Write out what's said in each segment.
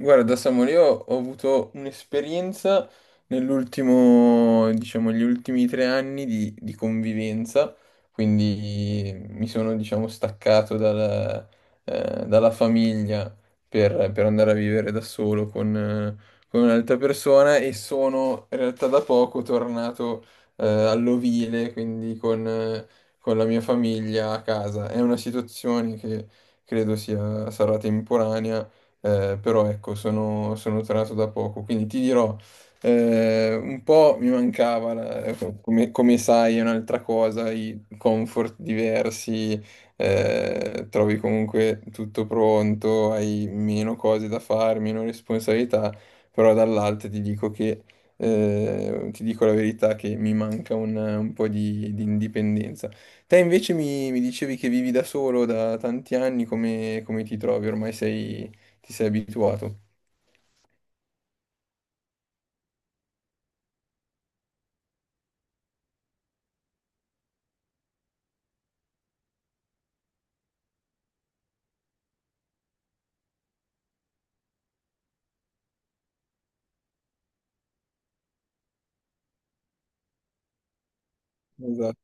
Guarda, Samuel, io ho avuto un'esperienza nell'ultimo, diciamo, gli ultimi 3 anni di convivenza, quindi mi sono, diciamo, staccato dalla famiglia per andare a vivere da solo con un'altra persona e sono in realtà da poco tornato, all'ovile, quindi con la mia famiglia a casa. È una situazione che credo sarà temporanea, però ecco, sono tornato da poco, quindi ti dirò, un po' mi mancava, come, come sai, è un'altra cosa, i comfort diversi, trovi comunque tutto pronto, hai meno cose da fare, meno responsabilità, però dall'altra ti dico che, ti dico la verità, che mi manca un po' di indipendenza. Te invece mi dicevi che vivi da solo da tanti anni, come ti trovi? Ormai sei, ti sei abituato. Esatto.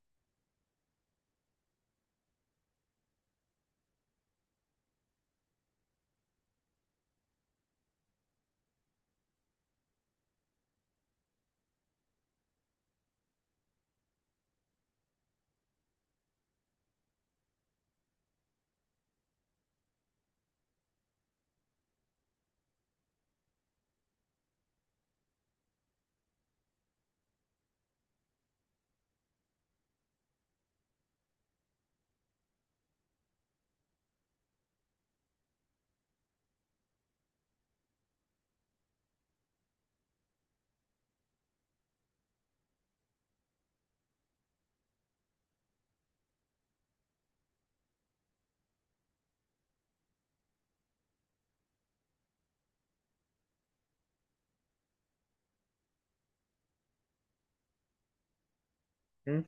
Mm.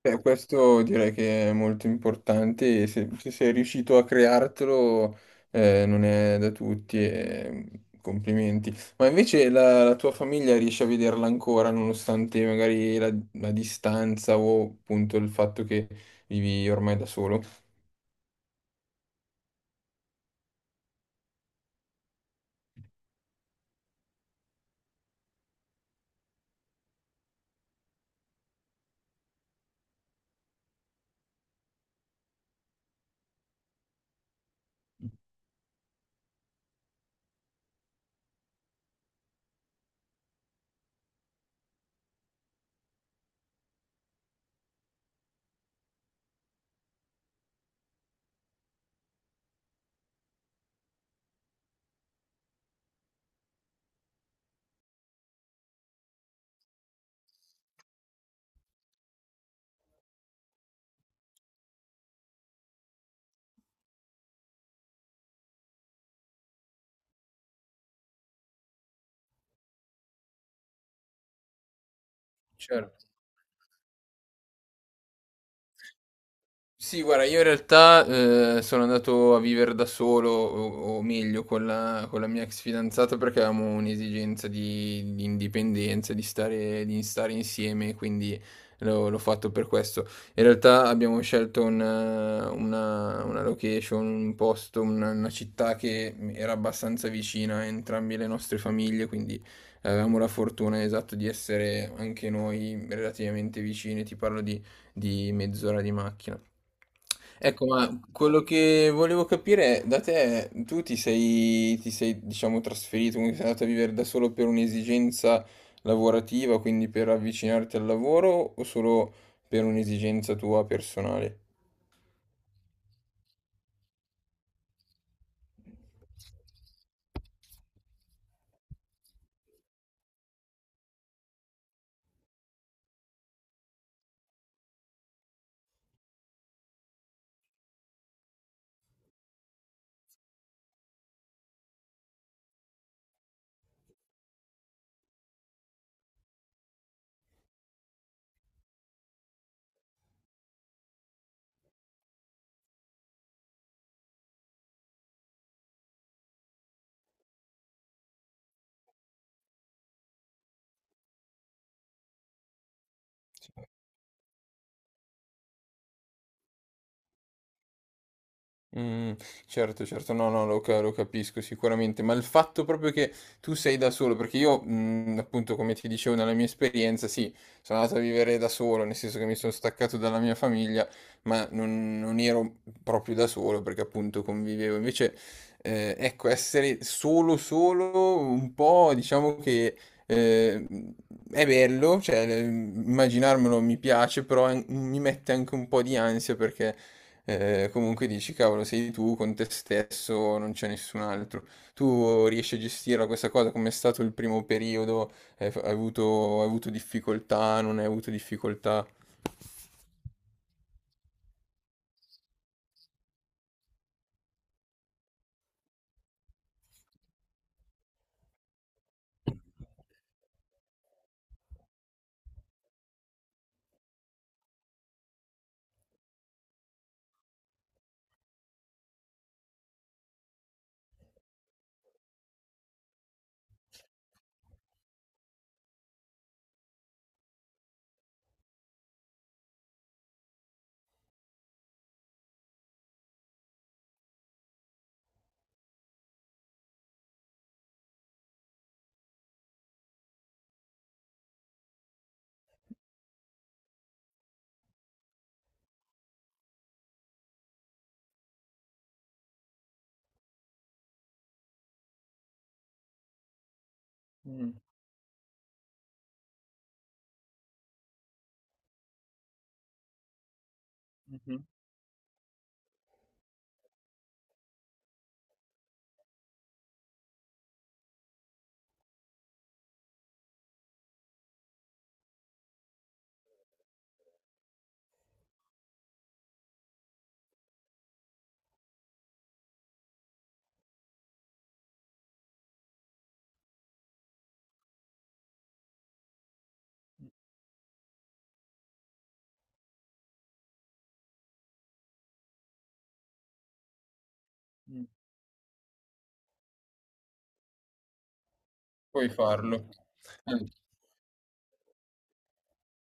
Beh, questo direi che è molto importante se sei riuscito a creartelo, non è da tutti e, complimenti. Ma invece la tua famiglia riesce a vederla ancora nonostante magari la distanza o appunto il fatto che vivi ormai da solo? Certo. Sì, guarda, io in realtà sono andato a vivere da solo, o meglio con con la mia ex fidanzata, perché avevamo un'esigenza di indipendenza, di stare insieme, quindi l'ho fatto per questo. In realtà abbiamo scelto una location, un posto, una città che era abbastanza vicina a entrambe le nostre famiglie, quindi avevamo la fortuna, esatto, di essere anche noi relativamente vicini, ti parlo di 30 minuti di macchina. Ecco, ma quello che volevo capire è, da te, ti sei, diciamo, trasferito, quindi sei andato a vivere da solo per un'esigenza lavorativa, quindi per avvicinarti al lavoro o solo per un'esigenza tua personale? Mh, certo, certo. No, no, lo capisco sicuramente, ma il fatto proprio che tu sei da solo perché io, appunto come ti dicevo nella mia esperienza, sì, sono andato a vivere da solo, nel senso che mi sono staccato dalla mia famiglia, ma non ero proprio da solo perché appunto convivevo. Invece, ecco, essere solo, solo un po', diciamo che, ehm, è bello, cioè, immaginarmelo mi piace, però an mi mette anche un po' di ansia perché, comunque dici, cavolo, sei tu con te stesso, non c'è nessun altro. Tu riesci a gestirla questa cosa? Com'è stato il primo periodo? Hai avuto difficoltà? Non hai avuto difficoltà? Mm. Puoi farlo.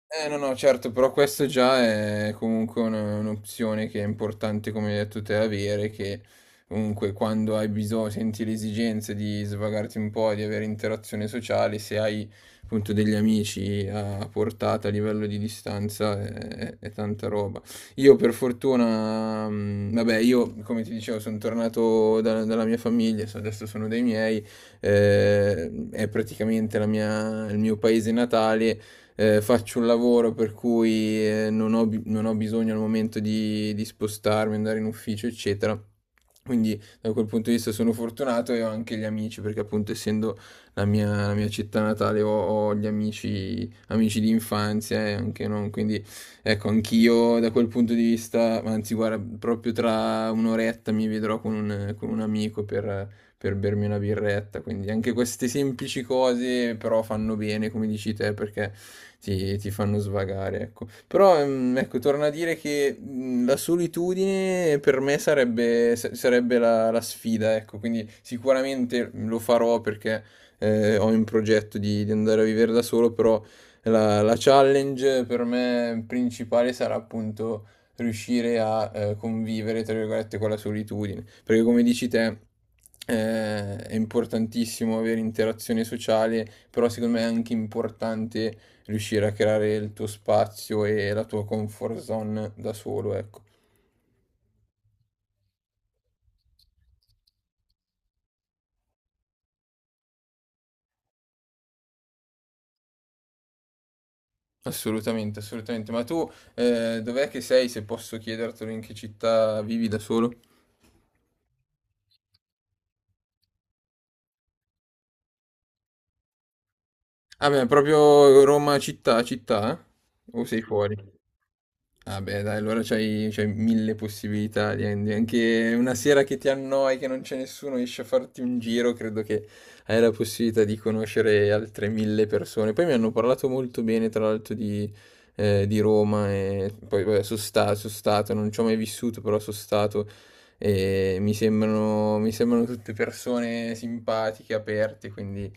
Eh no, no, certo, però questo già è comunque un'opzione che è importante, come hai detto te, avere, che comunque quando hai bisogno, senti l'esigenza di svagarti un po', di avere interazione sociale, se hai appunto degli amici a portata a livello di distanza, è tanta roba. Io per fortuna, vabbè, io come ti dicevo, sono tornato dalla mia famiglia, adesso sono dei miei, è praticamente il mio paese natale, faccio un lavoro per cui, non ho, non ho bisogno al momento di spostarmi, andare in ufficio, eccetera. Quindi da quel punto di vista sono fortunato e ho anche gli amici, perché appunto essendo la mia città natale, ho gli amici, amici di infanzia e anche non, quindi ecco, anch'io da quel punto di vista, anzi guarda, proprio tra un'oretta mi vedrò con con un amico per bermi una birretta. Quindi anche queste semplici cose però fanno bene, come dici te, perché ti fanno svagare, ecco. Però ecco, torna a dire che la solitudine per me sarebbe, sarebbe la sfida, ecco. Quindi sicuramente lo farò perché, ho in progetto di andare a vivere da solo, però la challenge per me principale sarà appunto riuscire a, convivere, tra virgolette, con la solitudine. Perché come dici te, è importantissimo avere interazione sociale, però secondo me è anche importante riuscire a creare il tuo spazio e la tua comfort zone da solo, ecco. Assolutamente, assolutamente. Ma tu, dov'è che sei, se posso chiedertelo, in che città vivi da solo? Ah beh, proprio Roma città, città? Eh? O sei fuori? Ah beh dai, allora c'hai 1.000 possibilità, anche una sera che ti annoi, che non c'è nessuno, esci a farti un giro, credo che hai la possibilità di conoscere altre 1.000 persone. Poi mi hanno parlato molto bene, tra l'altro, di Roma, e poi vabbè, sono stato, non ci ho mai vissuto, però sono stato, e mi sembrano tutte persone simpatiche, aperte, quindi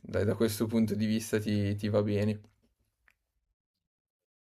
dai, da questo punto di vista ti va bene.